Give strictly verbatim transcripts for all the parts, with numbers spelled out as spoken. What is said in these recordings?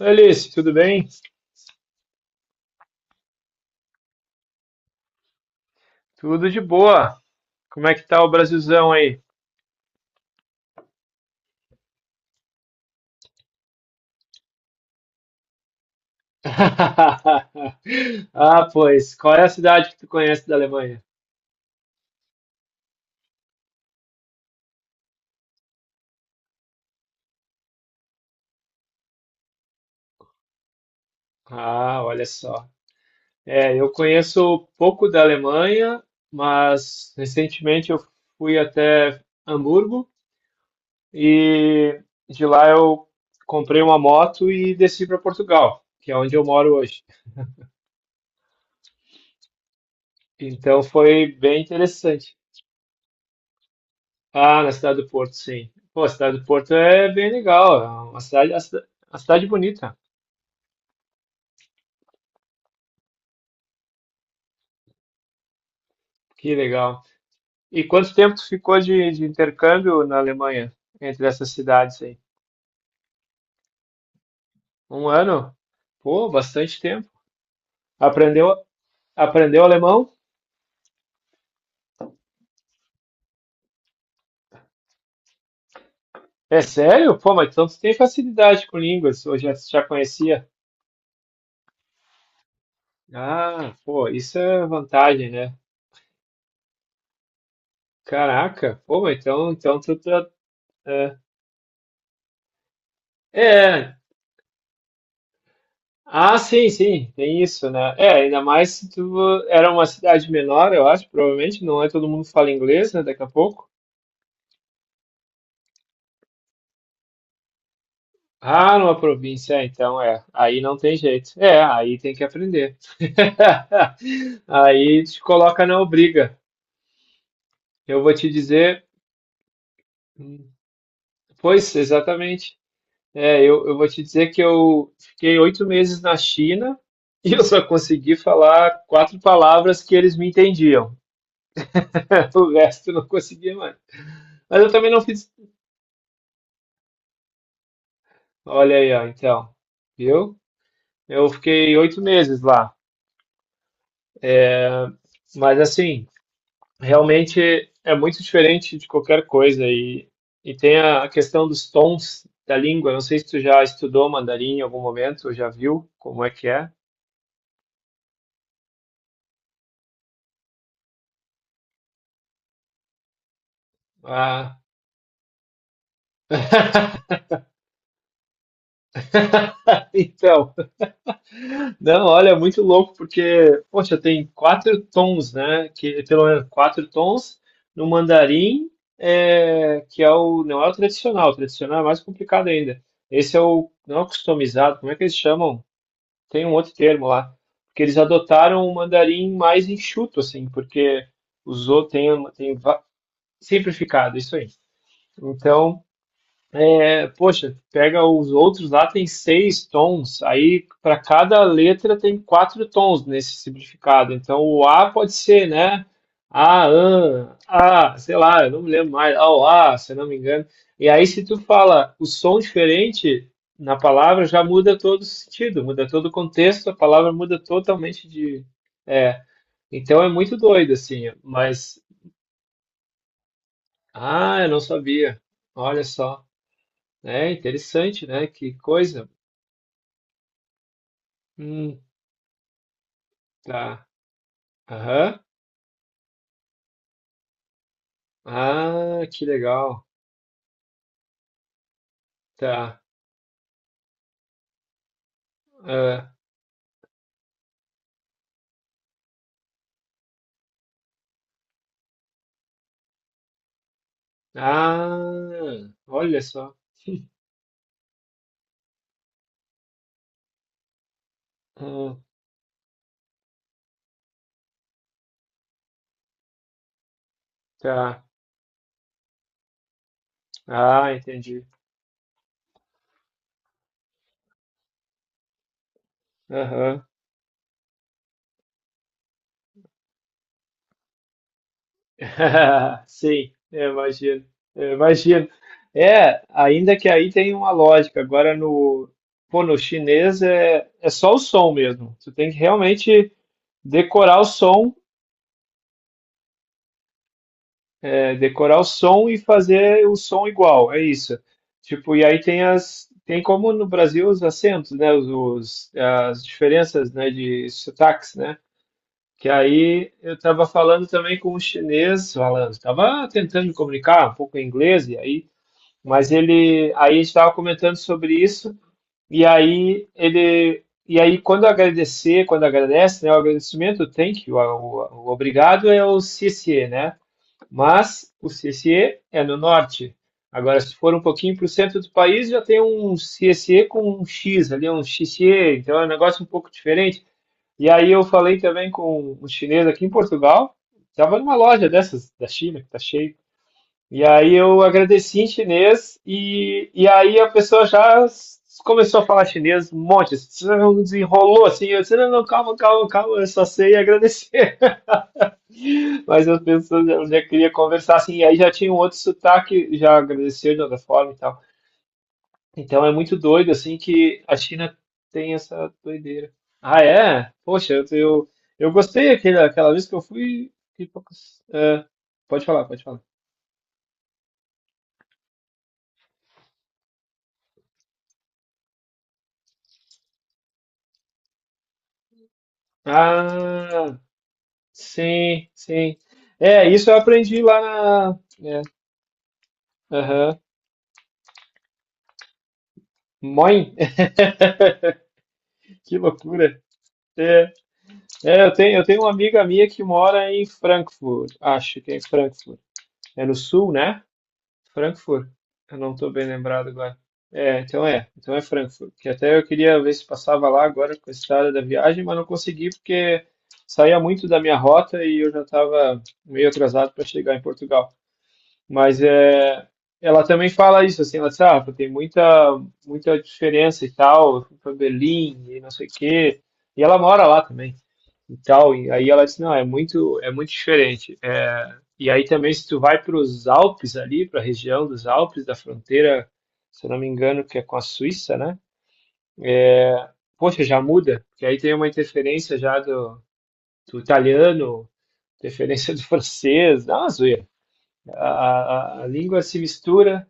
Oi, Alice, tudo bem? Tudo de boa. Como é que tá o Brasilzão aí? Ah, pois, qual é a cidade que tu conhece da Alemanha? Ah, olha só. É, eu conheço pouco da Alemanha, mas recentemente eu fui até Hamburgo e de lá eu comprei uma moto e desci para Portugal, que é onde eu moro hoje. Então foi bem interessante. Ah, na cidade do Porto, sim. Pô, a cidade do Porto é bem legal. É uma cidade, a cida- a cidade bonita. Que legal. E quanto tempo tu ficou de, de intercâmbio na Alemanha, entre essas cidades aí? Um ano? Pô, bastante tempo. Aprendeu, aprendeu alemão? É sério? Pô, mas então tu tem facilidade com línguas, ou já, já conhecia? Ah, pô, isso é vantagem, né? Caraca, pô, mas então, então tu tá. É, é. Ah, sim, sim, tem isso, né? É, ainda mais se tu era uma cidade menor, eu acho, provavelmente, não é todo mundo fala inglês, né, daqui a pouco. Ah, numa província, é, então é, aí não tem jeito. É, aí tem que aprender. Aí te coloca na obriga. Eu vou te dizer, pois, exatamente. É, eu, eu vou te dizer que eu fiquei oito meses na China e eu só consegui falar quatro palavras que eles me entendiam. O resto eu não conseguia mais. Mas eu também não fiz. Olha aí, ó, então. Viu? Eu fiquei oito meses lá. É. Mas assim, realmente é muito diferente de qualquer coisa. E, e tem a a questão dos tons da língua. Não sei se tu já estudou mandarim em algum momento, ou já viu como é que é. Ah, então. Não, olha, é muito louco, porque, poxa, tem quatro tons, né? Que, pelo menos quatro tons no mandarim, é, que é o, não é o tradicional, o tradicional é mais complicado ainda. Esse é o, não é o customizado, como é que eles chamam? Tem um outro termo lá, porque eles adotaram um mandarim mais enxuto, assim, porque usou, tem, tem va- simplificado, isso aí. Então, é, poxa, pega os outros lá, tem seis tons, aí para cada letra tem quatro tons nesse simplificado. Então o A pode ser, né? A, an, A, sei lá, eu não me lembro mais, ao A, se eu não me engano. E aí se tu fala o som diferente na palavra, já muda todo o sentido, muda todo o contexto, a palavra muda totalmente de. É, então é muito doido, assim, mas. Ah, eu não sabia. Olha só. É interessante, né? Que coisa. Hum, tá. Aham. Ah, que legal. Tá. Ah, ah, olha só. Hum, tá. Ah, entendi. Aham. Sim, eu imagino. Eu imagino. É, ainda que aí tem uma lógica. Agora no, pô, no chinês é, é só o som mesmo. Tu tem que realmente decorar o som. É decorar o som e fazer o som igual, é isso. Tipo, e aí tem as, tem como no Brasil os acentos, né, os, os- as diferenças, né, de sotaques, né? Que aí eu estava falando também com um chinês, falando, estava tentando me comunicar um pouco em inglês e aí, mas ele, aí estava comentando sobre isso e aí ele, e aí quando agradecer, quando agradece, né, o agradecimento, o thank you, o, o, o obrigado é o C C, né? Mas o C S E é no norte. Agora, se for um pouquinho para o centro do país, já tem um C S E com um X ali, um X C E, então é um negócio um pouco diferente. E aí eu falei também com um chinês aqui em Portugal, estava numa loja dessas da China, que está cheio. E aí eu agradeci em chinês e, e aí a pessoa já começou a falar chinês um monte, desenrolou assim, eu disse, não, não, calma, calma, calma, eu só sei agradecer. Mas as pessoas elas já queriam conversar, assim, e aí já tinha um outro sotaque, já agradeceu de outra forma e tal. Então é muito doido, assim, que a China tem essa doideira. Ah, é? Poxa, eu, eu, eu gostei aquele, aquela vez que eu fui. Fiquei pouco- é, pode falar, pode falar. Ah, sim, sim. É, isso eu aprendi lá na. É, aham. Mãe, que loucura. É. É, eu tenho, eu tenho uma amiga minha que mora em Frankfurt, acho que é em Frankfurt. É no sul, né? Frankfurt. Eu não estou bem lembrado agora. É, então é, então é Frankfurt. Que até eu queria ver se passava lá agora com a estrada da viagem, mas não consegui porque saía muito da minha rota e eu já estava meio atrasado para chegar em Portugal. Mas é, ela também fala isso, assim, ela diz, ah, pô, tem muita, muita diferença e tal, eu fui para Berlim e não sei o quê, e ela mora lá também e tal, e aí ela disse, não, é muito, é muito diferente. É, e aí também se tu vai para os Alpes ali, para a região dos Alpes, da fronteira, se eu não me engano, que é com a Suíça, né? É, poxa, já muda, porque aí tem uma interferência já do, do italiano, interferência do francês, dá uma zoeira. A, a, a língua se mistura.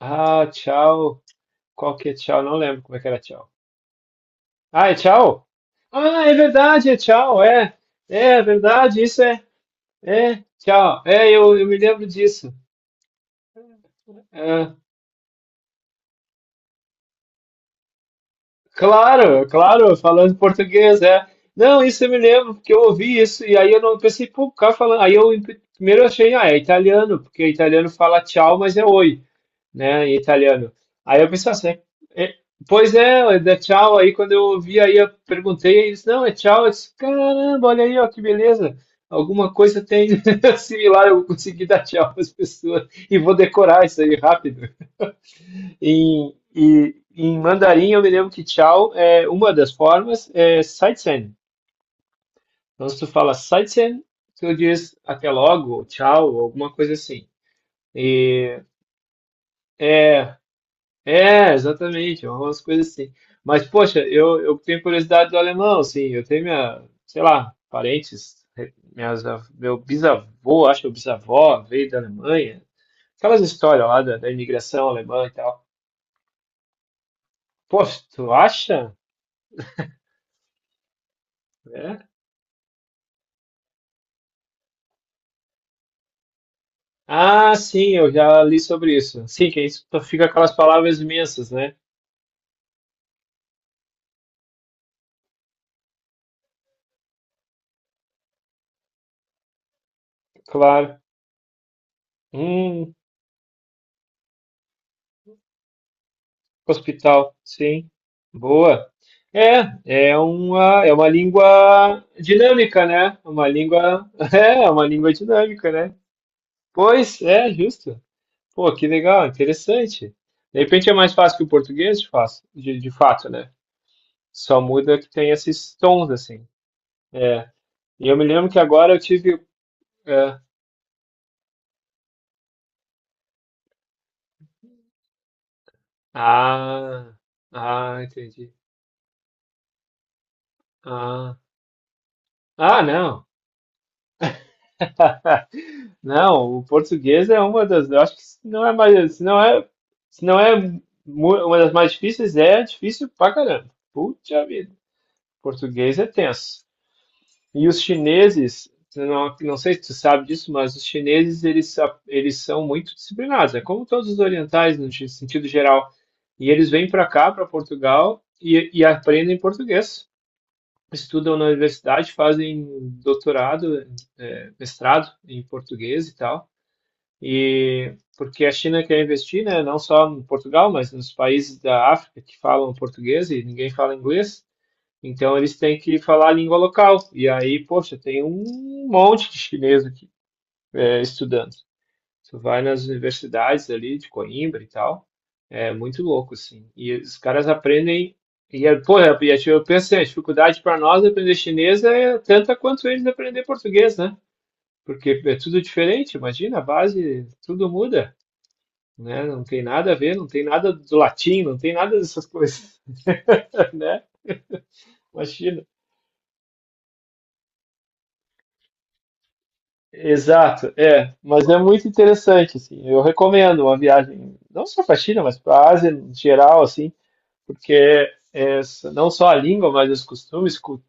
Ah, tchau. Qual que é tchau? Não lembro como é que era tchau. Ah, é tchau? Ah, é verdade, é tchau, é. É, é verdade, isso é. É, tchau. É, eu, eu me lembro disso. É, claro, claro, falando português, é. Não, isso eu me lembro, porque eu ouvi isso, e aí eu não pensei, pô, o cara falando. Aí eu em- primeiro eu achei, ah, é italiano, porque italiano fala tchau, mas é oi. Né, em italiano. Aí eu pensei, assim, é, pois é, é tchau. Aí quando eu ouvi, aí eu perguntei, eles, não, é tchau. Eu disse, caramba, olha aí, ó, que beleza. Alguma coisa tem similar, eu consegui dar tchau para as pessoas e vou decorar isso aí rápido. Em, e, em mandarim, eu me lembro que tchau é uma das formas, é saitsen. Então, se tu fala saitsen, tu diz até logo, tchau, alguma coisa assim. E é, É, exatamente, é umas coisas assim. Mas, poxa, eu, eu tenho curiosidade do alemão, assim, eu tenho minha, sei lá, parentes, re- minhas, av- meu bisavô, acho que meu bisavó veio da Alemanha, aquelas histórias lá da, da imigração alemã e tal. Poxa, tu acha? É? Ah, sim, eu já li sobre isso. Sim, que isso fica aquelas palavras imensas, né? Claro. Hum. Hospital, sim. Boa. É, é uma, é uma língua dinâmica, né? Uma língua, é, uma língua dinâmica, né? Pois, é, justo. Pô, que legal, interessante. De repente é mais fácil que o português, de, fato, de, de fato, né? Só muda que tem esses tons, assim. É. E eu me lembro que agora eu tive. É. Ah, ah, entendi. Ah, ah, não. Não, o português é uma das. Eu acho que se não é mais, se não é, se não é mu- uma das mais difíceis, é difícil pra caramba. Puta vida. Português é tenso. E os chineses, eu não, não sei se tu sabe disso, mas os chineses eles, sa- eles são muito disciplinados, é como todos os orientais no chi- sentido geral. E eles vêm para cá, para Portugal, e, e aprendem português. Estudam na universidade, fazem doutorado, eh, mestrado em português e tal. E porque a China quer investir, né, não só em Portugal, mas nos países da África que falam português e ninguém fala inglês, então eles têm que falar a língua local. E aí, poxa, tem um monte de chinês aqui eh, estudando. Tu vai nas universidades ali de Coimbra e tal, é muito louco, assim. E os caras aprendem. E, é, porra, e é, eu penso, assim, a dificuldade para nós aprender chinês é tanta quanto eles aprender português, né? Porque é tudo diferente, imagina, a base, tudo muda, né? Não tem nada a ver, não tem nada do latim, não tem nada dessas coisas, né? Imagina. Exato, é, mas é muito interessante, assim, eu recomendo uma viagem, não só para a China, mas para a Ásia em geral, assim, porque é, s- não só a língua, mas os costumes, cu-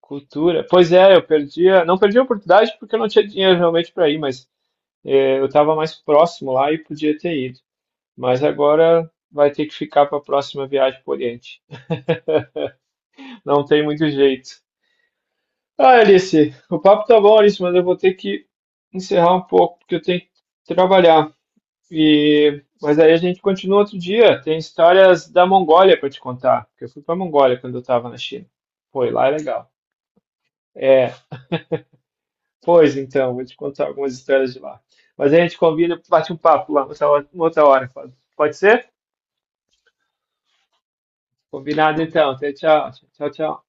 cultura. Pois é, eu perdi, a, não perdi a oportunidade porque eu não tinha dinheiro realmente para ir, mas é, eu estava mais próximo lá e podia ter ido. Mas agora vai ter que ficar para a próxima viagem para o Oriente. Não tem muito jeito. Ah, Alice, o papo tá bom, Alice, mas eu vou ter que encerrar um pouco, porque eu tenho que trabalhar. E... Mas aí a gente continua outro dia. Tem histórias da Mongólia para te contar, porque eu fui para Mongólia quando eu estava na China. Foi, lá é legal. É, pois então, vou te contar algumas histórias de lá. Mas a gente combina, bate um papo lá, outra hora, uma outra hora. Pode pode ser? Combinado então. Até tchau. Tchau, tchau.